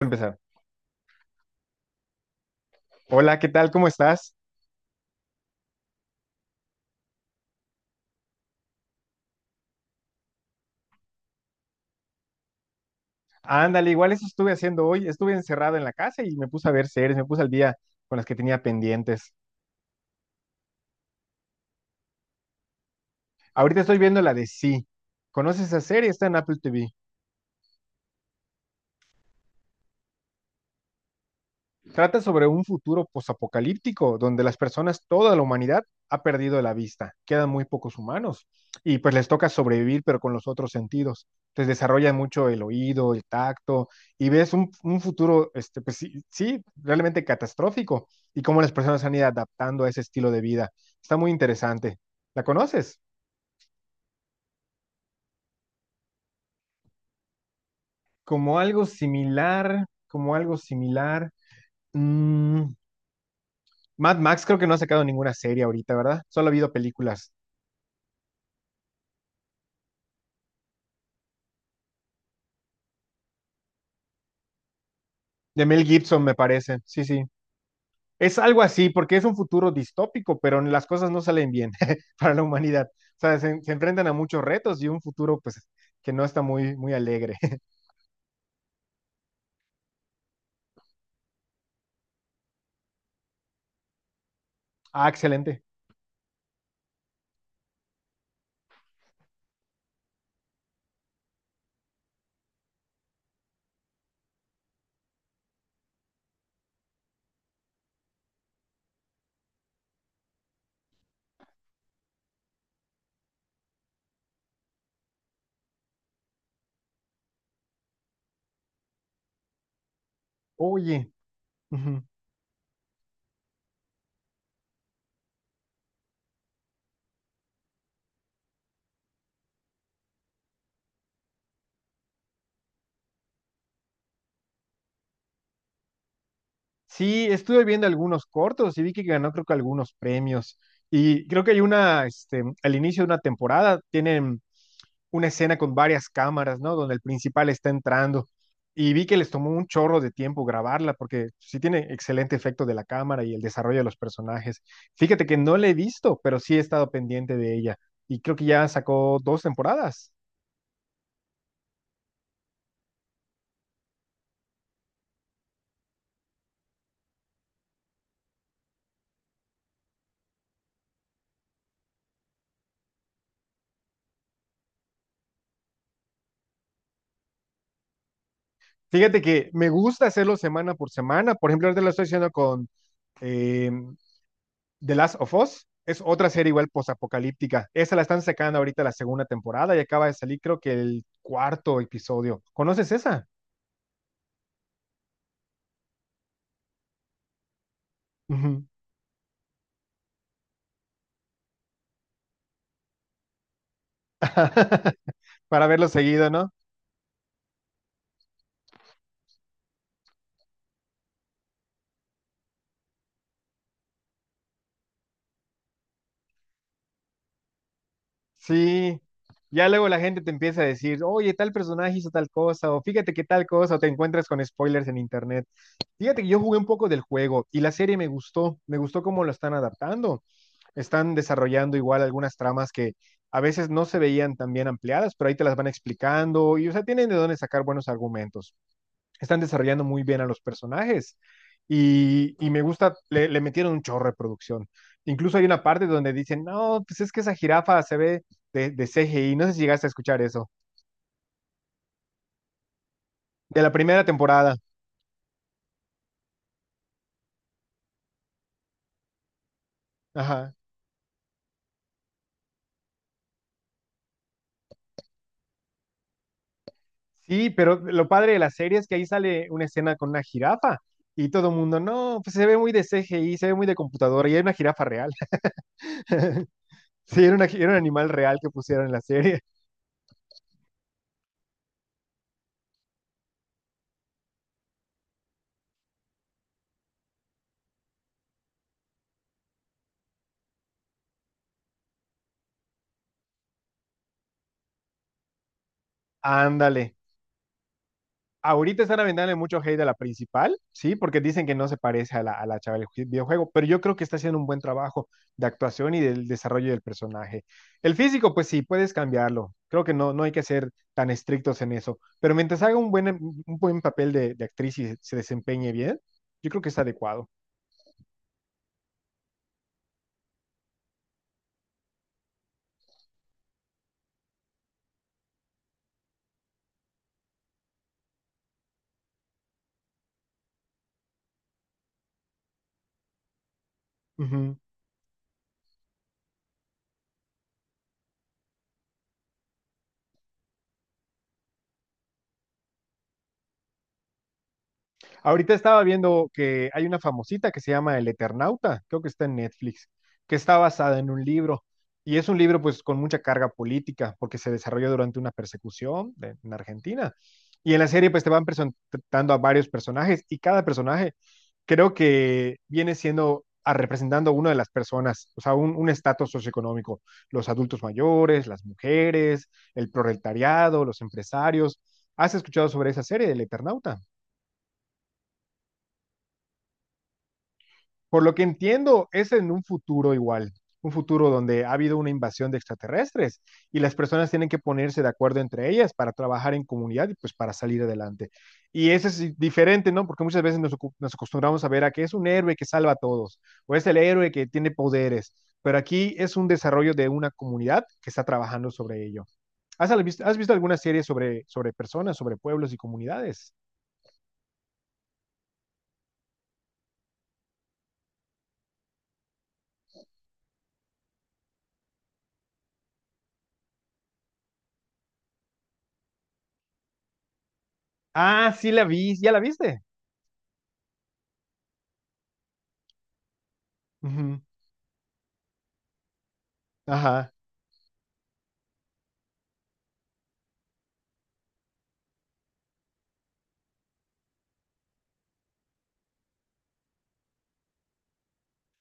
Empezar. Hola, ¿qué tal? ¿Cómo estás? Ándale, igual eso estuve haciendo hoy. Estuve encerrado en la casa y me puse a ver series, me puse al día con las que tenía pendientes. Ahorita estoy viendo la de Sí. ¿Conoces esa serie? Está en Apple TV. Trata sobre un futuro posapocalíptico donde las personas, toda la humanidad, ha perdido la vista. Quedan muy pocos humanos y pues les toca sobrevivir, pero con los otros sentidos. Entonces desarrollan mucho el oído, el tacto y ves un futuro, este, pues sí, sí, realmente catastrófico y cómo las personas han ido adaptando a ese estilo de vida. Está muy interesante. ¿La conoces? Como algo similar, como algo similar. mm, Mad Max creo que no ha sacado ninguna serie ahorita, ¿verdad? Solo ha habido películas. De Mel Gibson, me parece. Sí, sí. Es algo así, porque es un futuro distópico, pero las cosas no salen bien para la humanidad. O sea, se enfrentan a muchos retos y un futuro, pues, que no está muy, muy alegre. Ah, excelente. Oye, ujú. Sí, estuve viendo algunos cortos y vi que ganó, creo que algunos premios. Y creo que hay una, este, al inicio de una temporada, tienen una escena con varias cámaras, ¿no? Donde el principal está entrando. Y vi que les tomó un chorro de tiempo grabarla, porque sí tiene excelente efecto de la cámara y el desarrollo de los personajes. Fíjate que no la he visto, pero sí he estado pendiente de ella. Y creo que ya sacó dos temporadas. Fíjate que me gusta hacerlo semana por semana. Por ejemplo, ahorita lo estoy haciendo con eh, The Last of Us. Es otra serie igual postapocalíptica. Esa la están sacando ahorita la segunda temporada y acaba de salir creo que el cuarto episodio. ¿Conoces esa? Ujú. Para verlo seguido, ¿no? Sí. Ya luego la gente te empieza a decir, oye, tal personaje hizo tal cosa, o fíjate que tal cosa, o te encuentras con spoilers en internet. Fíjate que yo jugué un poco del juego y la serie me gustó cómo lo están adaptando. Están desarrollando igual algunas tramas que a veces no se veían tan bien ampliadas, pero ahí te las van explicando y, o sea, tienen de dónde sacar buenos argumentos. Están desarrollando muy bien a los personajes. Y me gusta, le metieron un chorro de producción. Incluso hay una parte donde dicen, no, pues es que esa jirafa se ve de CGI. No sé si llegaste a escuchar eso. De la primera temporada. Ajá. Sí, pero lo padre de la serie es que ahí sale una escena con una jirafa y todo el mundo, no, pues se ve muy de CGI, se ve muy de computadora y era una jirafa real. Sí, era un animal real que pusieron en la serie. Ándale, ahorita están aventándole mucho hate a la principal, ¿sí? Porque dicen que no se parece a la chava del videojuego, pero yo creo que está haciendo un buen trabajo de actuación y del desarrollo del personaje. El físico, pues sí, puedes cambiarlo. Creo que no, no hay que ser tan estrictos en eso, pero mientras haga un buen papel de actriz y se desempeñe bien, yo creo que está adecuado. Ahorita estaba viendo que hay una famosita que se llama El Eternauta, creo que está en Netflix, que está basada en un libro. Y es un libro pues con mucha carga política porque se desarrolla durante una persecución en Argentina. Y en la serie pues te van presentando a varios personajes y cada personaje creo que viene siendo a representando a una de las personas, o sea, un estatus socioeconómico, los adultos mayores, las mujeres, el proletariado, los empresarios. ¿Has escuchado sobre esa serie, El Eternauta? Por lo que entiendo, es en un futuro igual, un futuro donde ha habido una invasión de extraterrestres y las personas tienen que ponerse de acuerdo entre ellas para trabajar en comunidad y pues para salir adelante. Y eso es diferente, ¿no? Porque muchas veces nos acostumbramos a ver a que es un héroe que salva a todos o es el héroe que tiene poderes, pero aquí es un desarrollo de una comunidad que está trabajando sobre ello. ¿Has visto alguna serie sobre personas, sobre pueblos y comunidades? Ah, sí la vi, ¿ya la viste? Ujú. Ajá.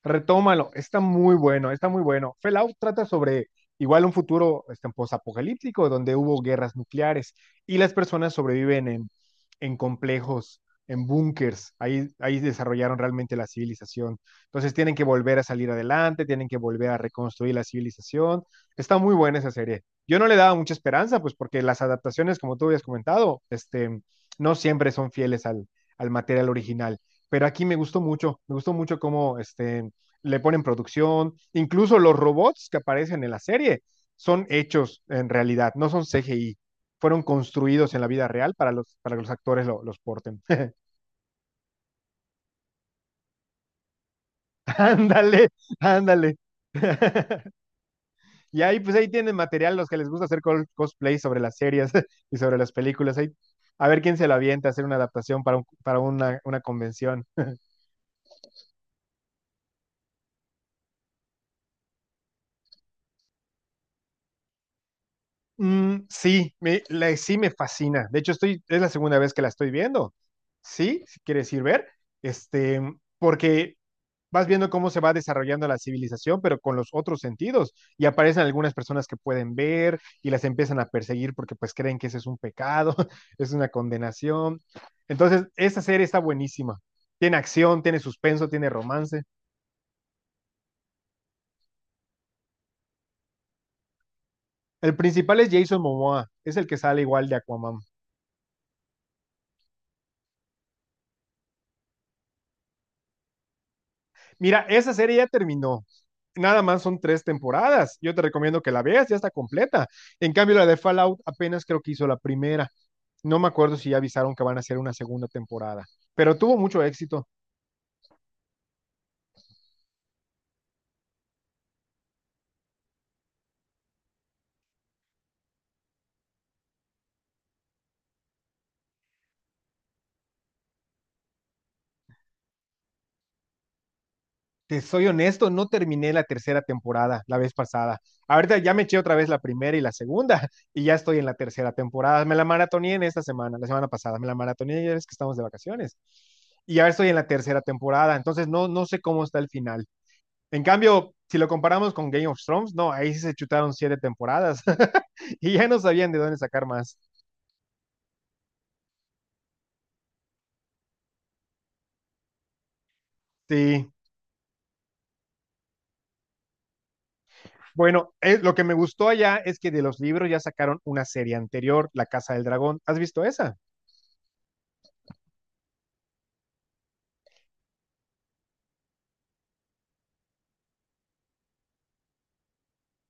Retómalo, está muy bueno, está muy bueno. Fallout trata sobre igual un futuro este, posapocalíptico donde hubo guerras nucleares y las personas sobreviven en complejos, en búnkers. Ahí desarrollaron realmente la civilización. Entonces tienen que volver a salir adelante, tienen que volver a reconstruir la civilización. Está muy buena esa serie. Yo no le daba mucha esperanza, pues porque las adaptaciones, como tú habías comentado, este, no siempre son fieles al material original, pero aquí me gustó mucho cómo este, le ponen producción, incluso los robots que aparecen en la serie son hechos en realidad, no son CGI, fueron construidos en la vida real para que los actores los porten. Ándale, ándale. Y ahí pues ahí tienen material los que les gusta hacer cosplay sobre las series y sobre las películas. Ahí, a ver quién se lo avienta a hacer una adaptación para una convención. Mm, sí, sí me fascina. De hecho, estoy, es la segunda vez que la estoy viendo. Sí, si quieres ir ver, este, porque vas viendo cómo se va desarrollando la civilización, pero con los otros sentidos. Y aparecen algunas personas que pueden ver y las empiezan a perseguir porque pues creen que ese es un pecado, es una condenación. Entonces, esta serie está buenísima. Tiene acción, tiene suspenso, tiene romance. El principal es Jason Momoa, es el que sale igual de Aquaman. Mira, esa serie ya terminó. Nada más son tres temporadas. Yo te recomiendo que la veas, ya está completa. En cambio, la de Fallout apenas creo que hizo la primera. No me acuerdo si ya avisaron que van a hacer una segunda temporada, pero tuvo mucho éxito. Te soy honesto, no terminé la tercera temporada la vez pasada. Ahorita ya me eché otra vez la primera y la segunda y ya estoy en la tercera temporada. Me la maratoné en esta semana, la semana pasada, me la maratoné ya es que estamos de vacaciones. Y ahora estoy en la tercera temporada, entonces no sé cómo está el final. En cambio, si lo comparamos con Game of Thrones, no, ahí sí se chutaron siete temporadas y ya no sabían de dónde sacar más. Sí. Bueno, lo que me gustó allá es que de los libros ya sacaron una serie anterior, La Casa del Dragón. ¿Has visto esa?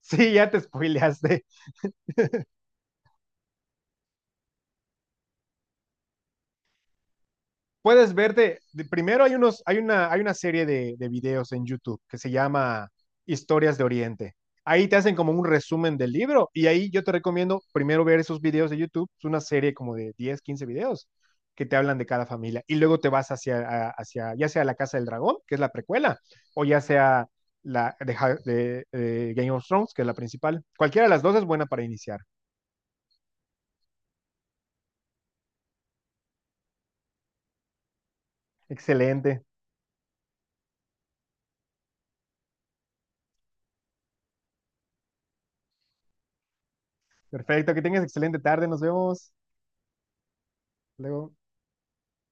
Sí, ya te spoileaste. Puedes verte, primero hay una serie de videos en YouTube que se llama Historias de Oriente. Ahí te hacen como un resumen del libro y ahí yo te recomiendo primero ver esos videos de YouTube. Es una serie como de 10 15 videos que te hablan de cada familia y luego te vas hacia ya sea la Casa del Dragón, que es la precuela, o ya sea la de, Game of Thrones, que es la principal. Cualquiera de las dos es buena para iniciar. Excelente. Perfecto, que tengas excelente tarde. Nos vemos. Luego.